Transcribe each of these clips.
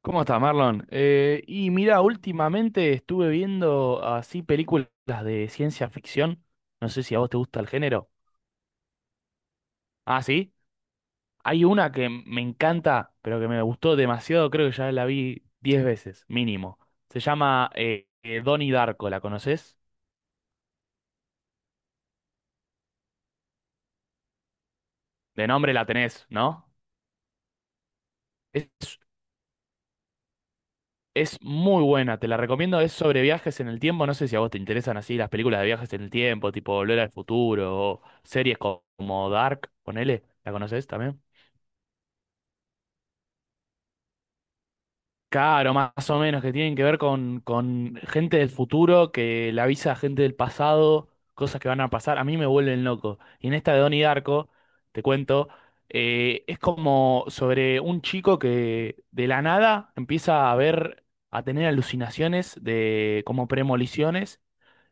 ¿Cómo estás, Marlon? Y mira, últimamente estuve viendo así películas de ciencia ficción. No sé si a vos te gusta el género. Ah, sí. Hay una que me encanta, pero que me gustó demasiado. Creo que ya la vi 10 veces, mínimo. Se llama Donnie Darko, ¿la conoces? De nombre la tenés, ¿no? Es Es muy buena, te la recomiendo. Es sobre viajes en el tiempo. No sé si a vos te interesan así las películas de viajes en el tiempo, tipo Volver al Futuro o series como Dark, ponele. ¿La conoces también? Claro, más o menos, que tienen que ver con gente del futuro que le avisa a gente del pasado cosas que van a pasar. A mí me vuelven loco. Y en esta de Donnie Darko, te cuento, es como sobre un chico que de la nada empieza a ver, a tener alucinaciones de como premoniciones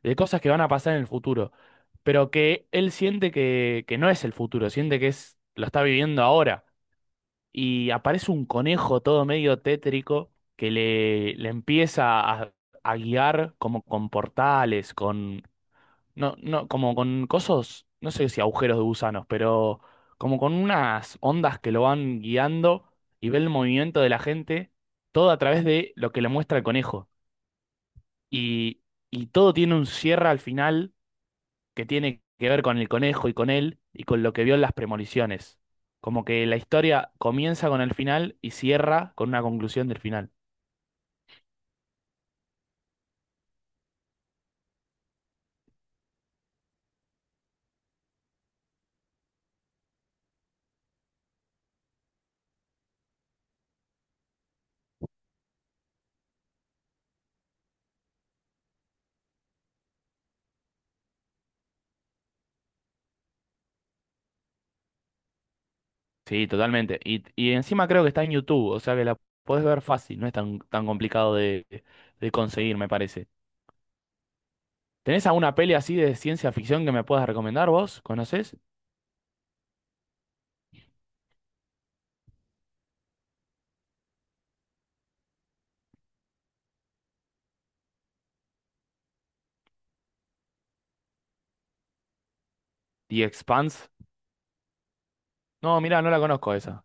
de cosas que van a pasar en el futuro, pero que él siente que no es el futuro, siente que es, lo está viviendo ahora. Y aparece un conejo todo medio tétrico que le empieza a guiar como con portales, con, no, como con cosas, no sé si agujeros de gusanos, pero como con unas ondas que lo van guiando y ve el movimiento de la gente, todo a través de lo que le muestra el conejo. Y, y todo tiene un cierre al final que tiene que ver con el conejo y con él y con lo que vio en las premoniciones. Como que la historia comienza con el final y cierra con una conclusión del final. Sí, totalmente. Y encima creo que está en YouTube, o sea que la podés ver fácil, no es tan, tan complicado de conseguir, me parece. ¿Tenés alguna peli así de ciencia ficción que me puedas recomendar vos? ¿Conocés? The Expanse. No, mirá, no la conozco esa.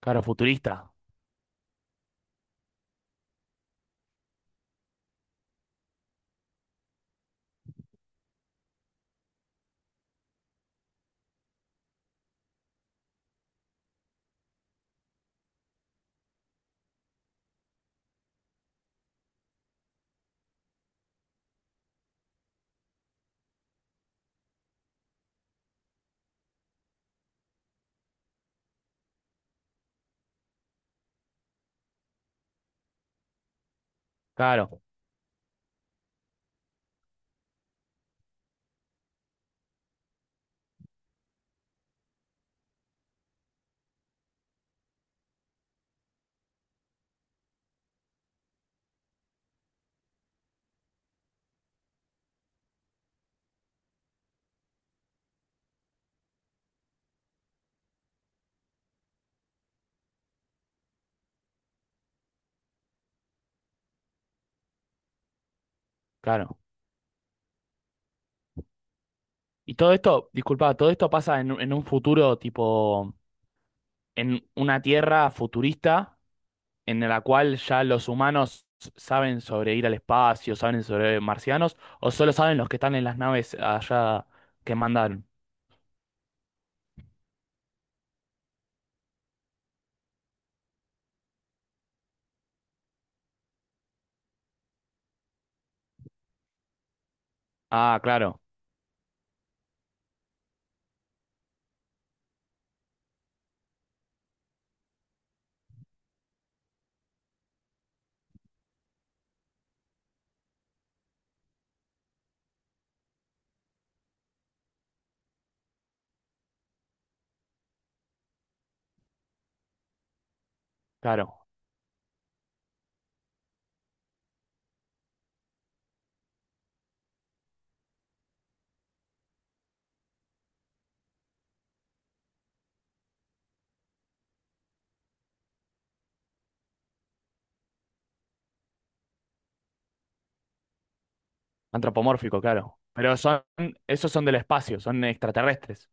Claro, futurista. Claro, claro. Y todo esto, disculpa, todo esto pasa en, en un futuro tipo en una tierra futurista en la cual ya los humanos saben sobre ir al espacio, saben sobre marcianos, o solo saben los que están en las naves allá que mandaron. Ah, claro, claro. Antropomórfico, claro. Pero son, esos son del espacio, son extraterrestres.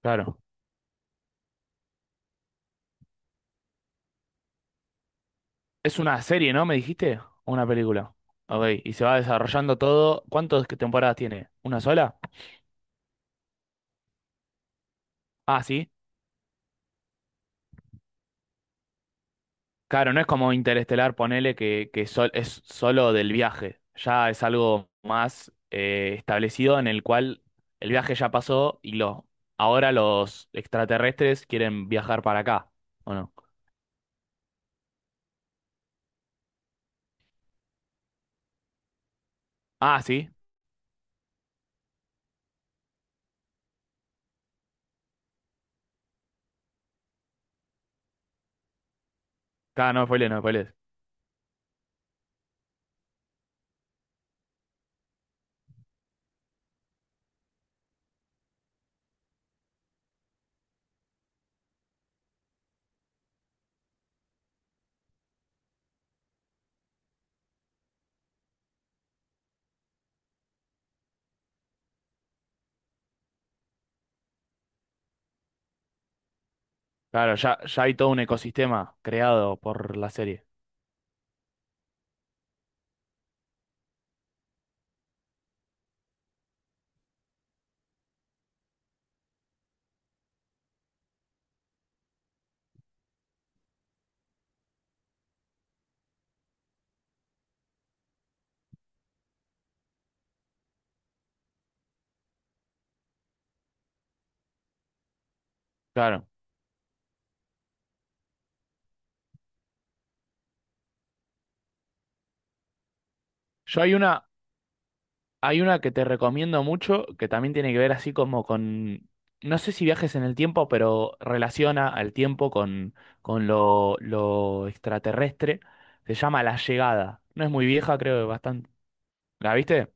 Claro. Es una serie, ¿no? ¿Me dijiste? ¿O una película? Ok, y se va desarrollando todo. ¿Cuántas temporadas tiene? ¿Una sola? Ah, sí. Claro, no es como Interestelar, ponele que es solo del viaje. Ya es algo más establecido en el cual el viaje ya pasó y lo, ahora los extraterrestres quieren viajar para acá, ¿o no? Ah, sí. Claro, no spoilees, no spoilees. Claro, ya, ya hay todo un ecosistema creado por la serie. Claro. Yo hay una, Hay una que te recomiendo mucho, que también tiene que ver así como con, no sé si viajes en el tiempo, pero relaciona al tiempo con lo extraterrestre. Se llama La Llegada. No es muy vieja, creo que bastante. ¿La viste?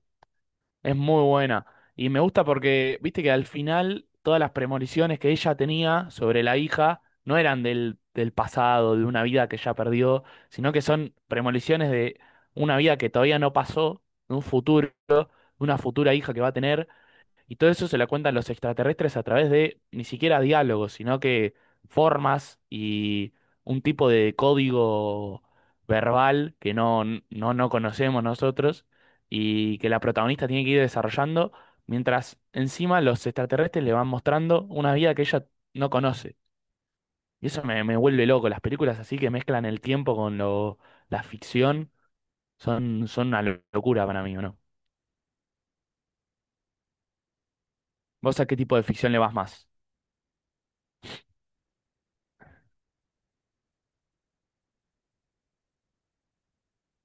Es muy buena. Y me gusta porque, viste que al final todas las premoniciones que ella tenía sobre la hija no eran del, del pasado, de una vida que ya perdió, sino que son premoniciones de una vida que todavía no pasó, de un futuro una futura hija que va a tener, y todo eso se la cuentan los extraterrestres a través de ni siquiera diálogos, sino que formas y un tipo de código verbal que no, no conocemos nosotros y que la protagonista tiene que ir desarrollando, mientras encima los extraterrestres le van mostrando una vida que ella no conoce. Y eso me vuelve loco, las películas así que mezclan el tiempo con lo, la ficción son, son una locura para mí, ¿o no? ¿Vos a qué tipo de ficción le vas más?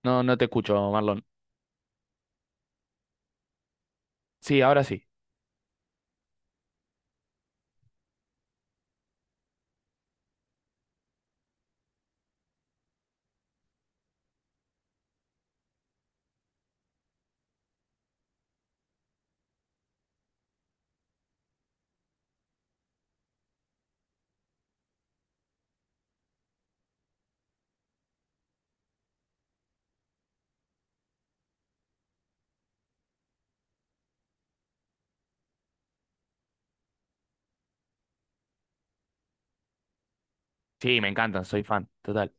No, no te escucho, Marlon. Sí, ahora sí. Sí, me encantan, soy fan, total.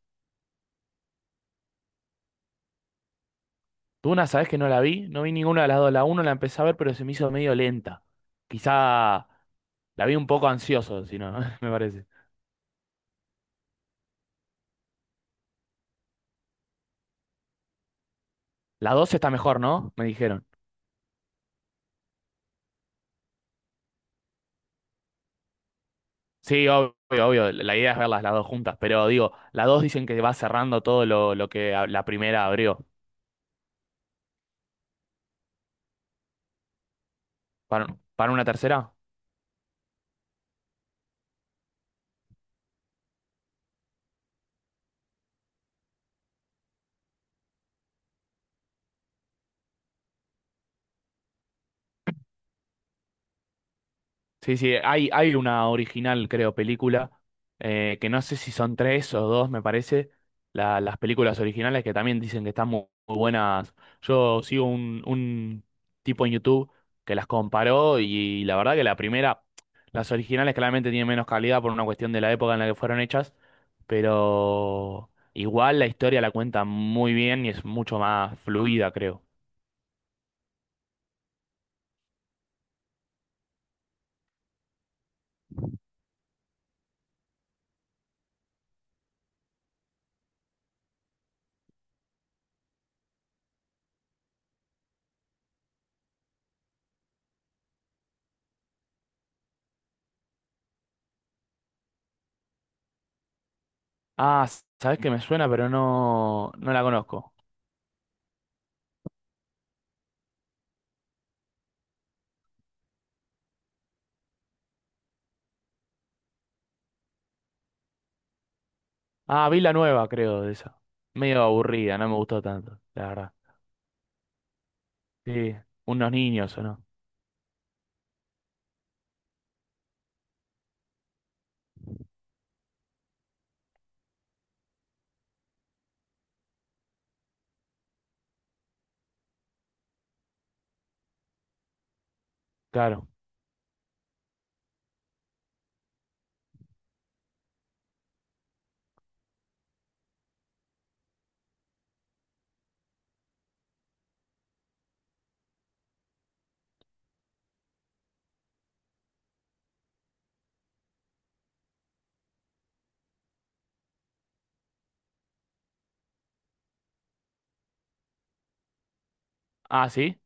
Duna, ¿sabes que no la vi? No vi ninguna de las dos. La uno la empecé a ver, pero se me hizo medio lenta. Quizá la vi un poco ansioso, si no, me parece. La dos está mejor, ¿no? Me dijeron. Sí, obvio, obvio. La idea es verlas las dos juntas, pero digo, la dos dicen que va cerrando todo lo que la primera abrió. ¿Para, para una tercera? Sí, sí, hay una original, creo, película, que no sé si son tres o dos, me parece, las películas originales que también dicen que están muy buenas. Yo sigo un tipo en YouTube que las comparó y la verdad que la primera, las originales claramente tienen menos calidad por una cuestión de la época en la que fueron hechas, pero igual la historia la cuenta muy bien y es mucho más fluida, creo. Ah, sabes que me suena, pero no, no la conozco. Ah, vi la nueva, creo, de esa. Medio aburrida, no me gustó tanto, la verdad. Sí, unos niños, ¿o no? Claro. Ah, ¿sí?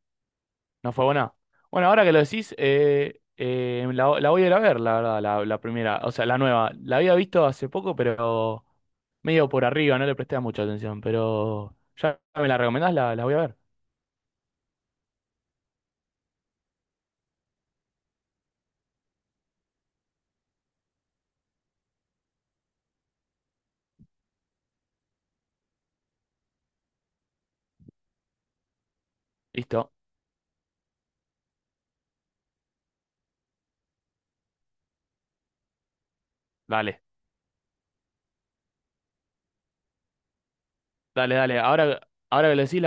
¿No fue buena? Bueno, ahora que lo decís, la, la voy a ir a ver, la verdad, la primera, o sea, la nueva. La había visto hace poco, pero medio por arriba, no le presté mucha atención, pero ya me la recomendás, la voy a ver. Listo, dale, dale, dale. Ahora, ahora que lo decís,